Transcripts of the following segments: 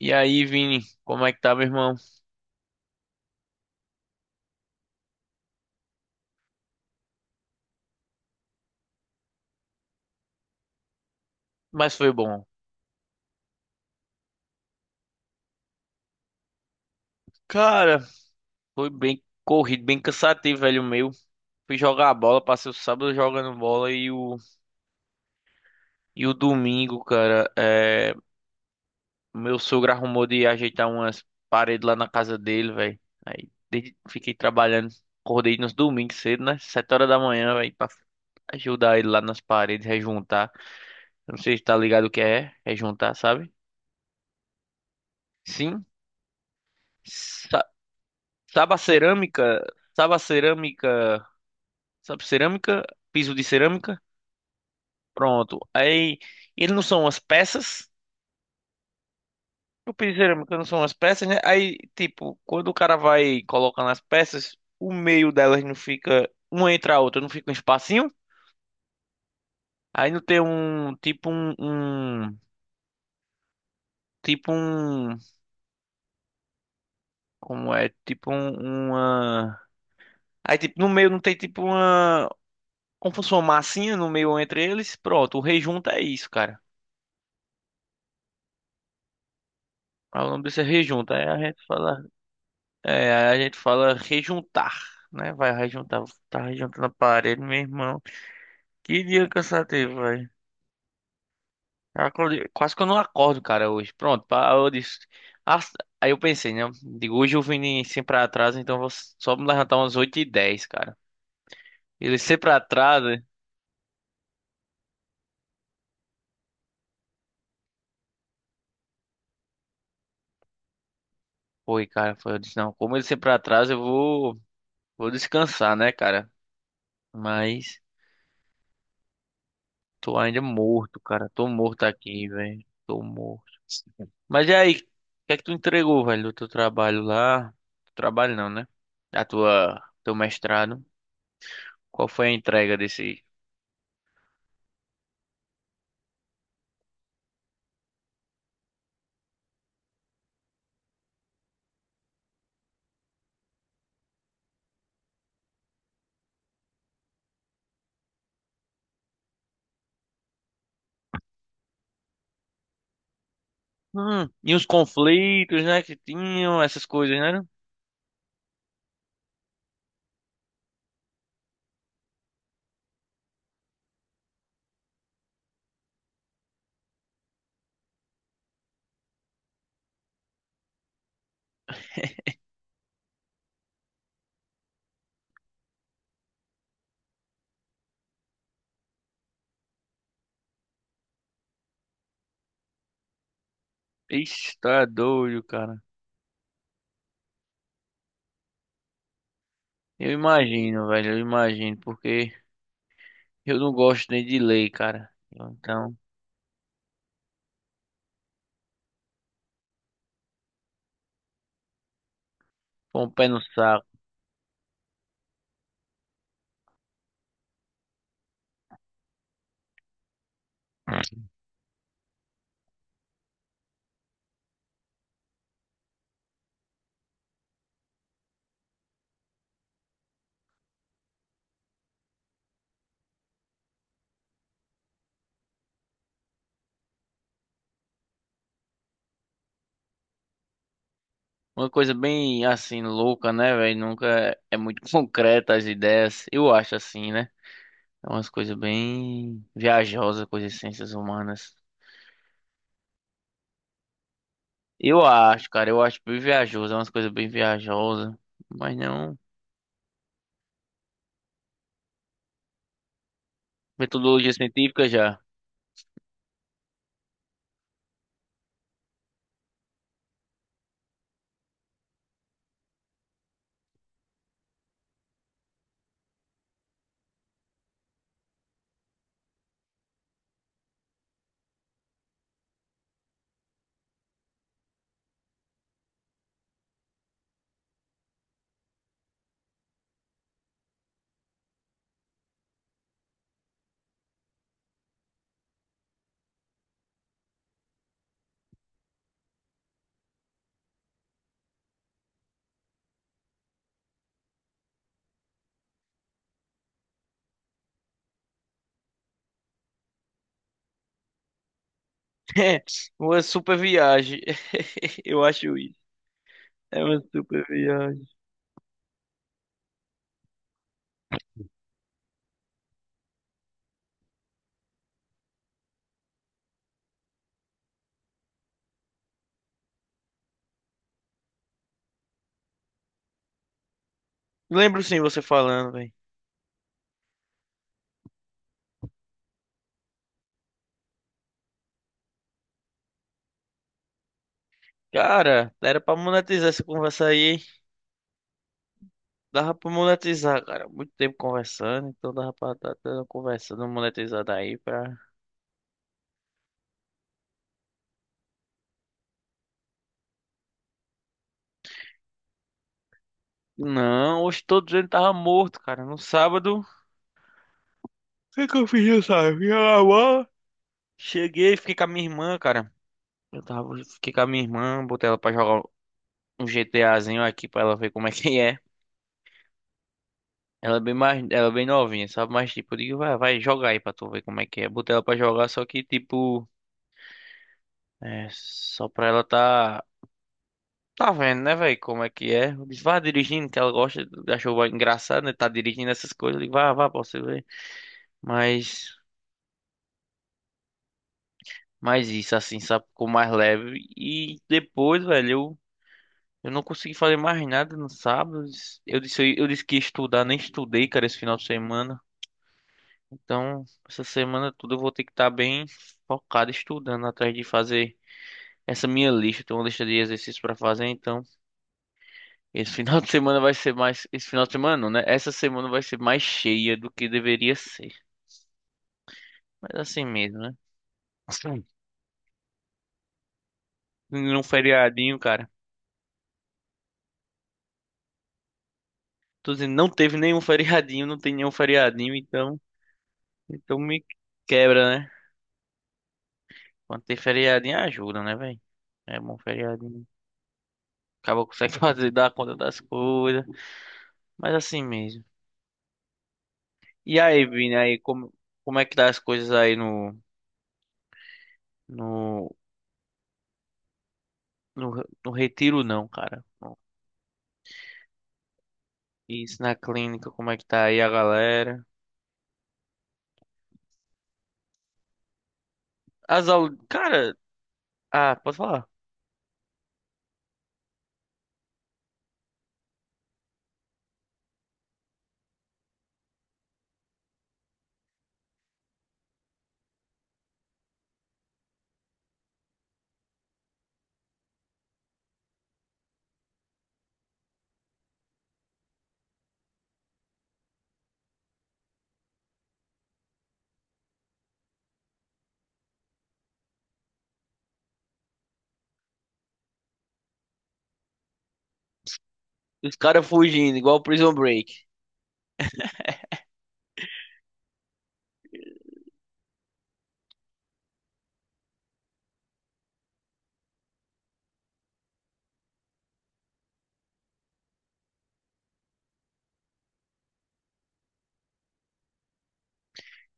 E aí, Vini, como é que tá, meu irmão? Mas foi bom. Cara, foi bem corrido, bem cansativo, velho, o meu. Fui jogar a bola, passei o sábado jogando bola e o domingo, cara, meu sogro arrumou de ajeitar umas paredes lá na casa dele, velho. Fiquei trabalhando, acordei nos domingos cedo, né? 7 horas da manhã, velho, pra ajudar ele lá nas paredes, rejuntar. Eu não sei se tá ligado o que é, rejuntar, sabe? Sim. Sa- Sabe a cerâmica? Sabe a cerâmica? Sabe, cerâmica, piso de cerâmica. Pronto. Aí, eles não são as peças. O piso de cerâmica não são as peças, né? Aí, tipo, quando o cara vai colocando as peças, o meio delas não fica uma entre a outra, não fica um espacinho. Aí não tem um, tipo um, tipo um, como é? Tipo um, uma... Aí, tipo, no meio não tem tipo uma, como se fosse uma massinha no meio entre eles. Pronto, o rejunta é isso, cara. Aí o nome disso é rejunta. Aí a gente fala É, aí a gente fala rejuntar, né? Vai rejuntar, tá rejuntando a parede, meu irmão. Que dia cansativo, velho. Quase que eu não acordo, cara, hoje. Pronto, pá, eu disse. Ah, aí eu pensei, né? Digo, hoje eu vim sempre atraso, então eu vou só me levantar umas 8:10, cara. Ele sempre atrasa. Foi, cara, foi. Eu disse, não, como ele sempre atrasa, eu vou descansar, né, cara? Mas. Tô ainda morto, cara. Tô morto aqui, velho. Tô morto. Mas e aí? O que é que tu entregou, velho, do teu trabalho lá? Trabalho não, né? Teu mestrado. Qual foi a entrega desse? E os conflitos, né, que tinham, essas coisas, né? Ixi, tá doido, cara. Eu imagino, velho, eu imagino, porque eu não gosto nem de lei, cara. Então, foi um pé no saco. Uma coisa bem assim louca, né, velho? Nunca é muito concreta as ideias. Eu acho assim, né? É umas coisas bem viajosas coisas as ciências humanas. Eu acho, cara, eu acho bem viajoso, é umas coisas bem viajosas, mas não metodologia científica já. É uma super viagem. Eu acho isso. É uma super viagem. Lembro sim você falando, velho. Cara, era pra monetizar essa conversa aí, hein? Dava pra monetizar, cara. Muito tempo conversando, então dava pra estar conversando, monetizada aí pra. Não, hoje todos ele tava morto, cara. No sábado. O que que eu fiz sabe sábado? Lá jogar Cheguei, fiquei com a minha irmã, cara. Eu tava. Fiquei com a minha irmã, botei ela pra jogar um GTAzinho aqui pra ela ver como é que é. Ela é bem mais. Ela é bem novinha, sabe? Mas tipo, eu digo, vai, vai jogar aí pra tu ver como é que é. Botei ela pra jogar, só que tipo. É, só pra ela tá. Tá vendo, né, velho, como é que é? Eu disse, vá dirigindo, que ela gosta, achou engraçado, né, tá dirigindo essas coisas. Eu digo, vá, vá, pra você ver. Mas, mas isso, assim, sabe, ficou mais leve. E depois, velho, eu não consegui fazer mais nada no sábado. Eu disse, disse que ia estudar, nem estudei, cara, esse final de semana. Então, essa semana tudo eu vou ter que estar bem focado estudando, atrás de fazer essa minha lista. Tem uma lista de exercícios pra fazer, então... Esse final de semana vai ser mais. Esse final de semana, não, né? Essa semana vai ser mais cheia do que deveria ser. Mas assim mesmo, né? Sim. Nenhum feriadinho, cara. Tô dizendo, não teve nenhum feriadinho, não tem nenhum feriadinho, então. Então me quebra, né? Quando tem feriadinho, ajuda, né, velho? É bom feriadinho. Acaba consegue fazer, dar conta das coisas. Mas assim mesmo. E aí, Vini, aí, como é que tá as coisas aí No. no retiro, não, cara? Isso na clínica, como é que tá aí a galera? As aulas. Cara, ah, posso falar? Os caras fugindo, igual Prison Break.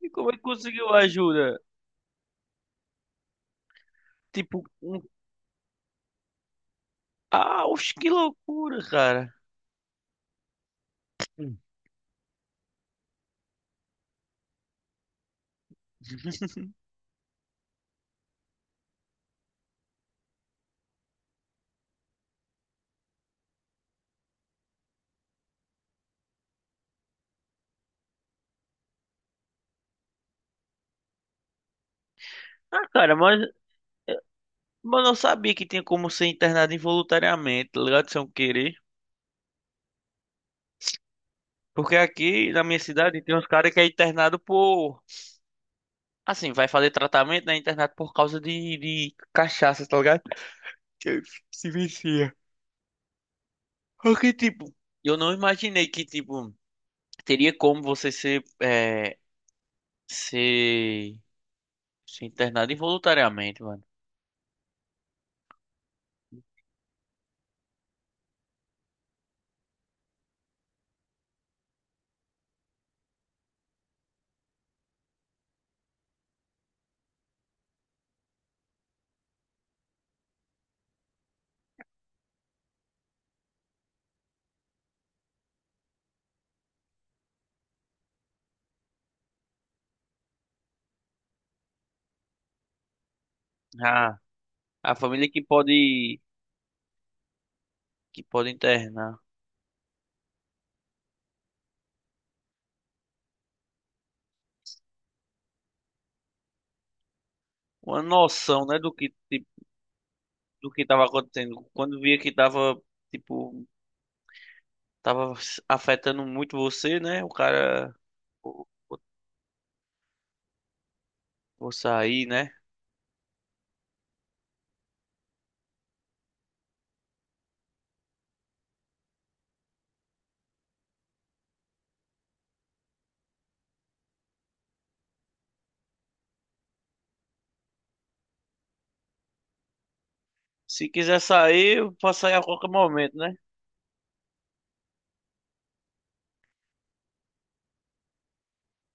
E como é que conseguiu ajuda? Tipo, um... ah, oxe, que loucura, cara. Hum. Ah, cara, mas eu sabia que tinha como ser internado involuntariamente, tá ligado? Sem eu querer. Porque aqui na minha cidade tem uns caras que é internado por. Assim, vai fazer tratamento, né? Internado por causa de cachaça, tá ligado? Que se vicia. Porque, tipo, eu não imaginei que, tipo. Teria como você ser, ser internado involuntariamente, mano. Ah, a família que pode internar. Uma noção, né, do que, tipo, do que tava acontecendo. Quando via que tava, tipo, tava afetando muito você, né, o cara, vou, vou vou sair, né. Se quiser sair, eu posso sair a qualquer momento, né.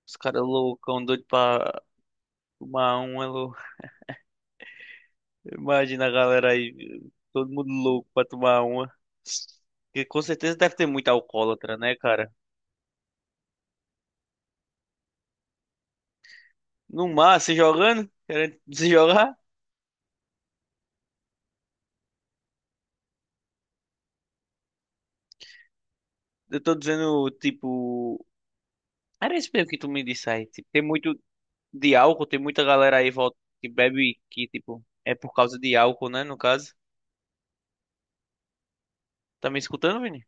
Os caras loucão, doido pra tomar uma. Imagina a galera aí, todo mundo louco pra tomar uma. Que com certeza deve ter muito alcoólatra, né, cara? No mar, se jogando, querendo se jogar. Eu tô dizendo, tipo. Era isso mesmo que tu me disse aí. Tipo, tem muito de álcool, tem muita galera aí volta, que bebe que, tipo, é por causa de álcool, né, no caso. Tá me escutando, Vini?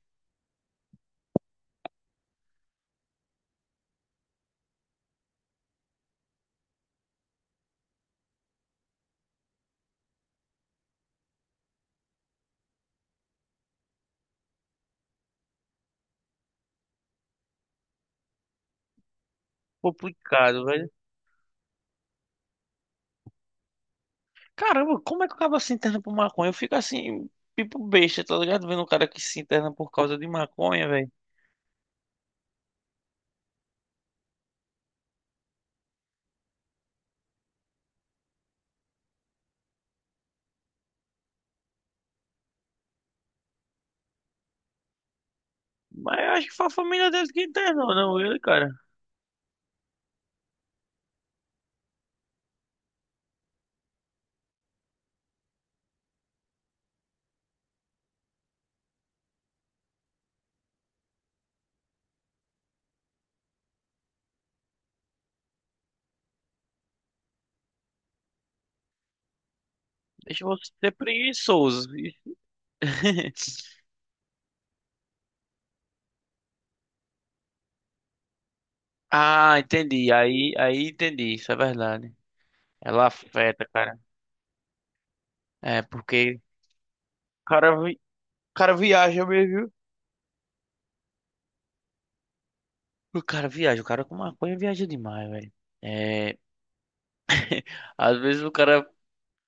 Complicado, velho. Caramba, como é que o cara se interna por maconha? Eu fico assim, tipo besta, tá ligado? Vendo um cara que se interna por causa de maconha, velho. Mas eu acho que foi a família deles que internou, não ele, cara. Deixa você ser preguiçoso. Ah, entendi. Aí entendi. Isso é verdade. Ela afeta, cara. É, porque o cara, o cara viaja mesmo, viu? O cara viaja. O cara com maconha viaja demais, velho. É, às vezes o cara,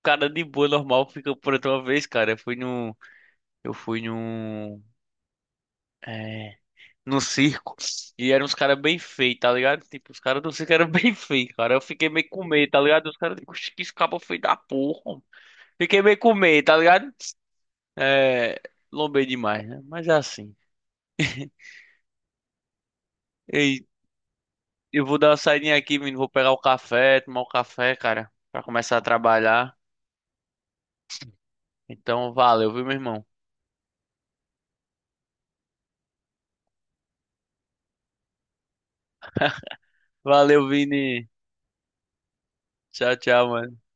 cara de boa, normal, fica por outra vez, cara. Eu fui num, é, no circo. E eram uns caras bem feios, tá ligado? Tipo, os caras do circo eram bem feios, cara. Eu fiquei meio com medo, tá ligado? Os caras, tipo, "Oxe, que esse cabo é feio da porra, homem." Fiquei meio com medo, tá ligado? É, lombei demais, né? Mas é assim. Ei, eu vou dar uma saidinha aqui, menino. Vou pegar o café, tomar o café, cara, pra começar a trabalhar. Então, valeu, viu, meu irmão? Valeu, Vini. Tchau, tchau, mano.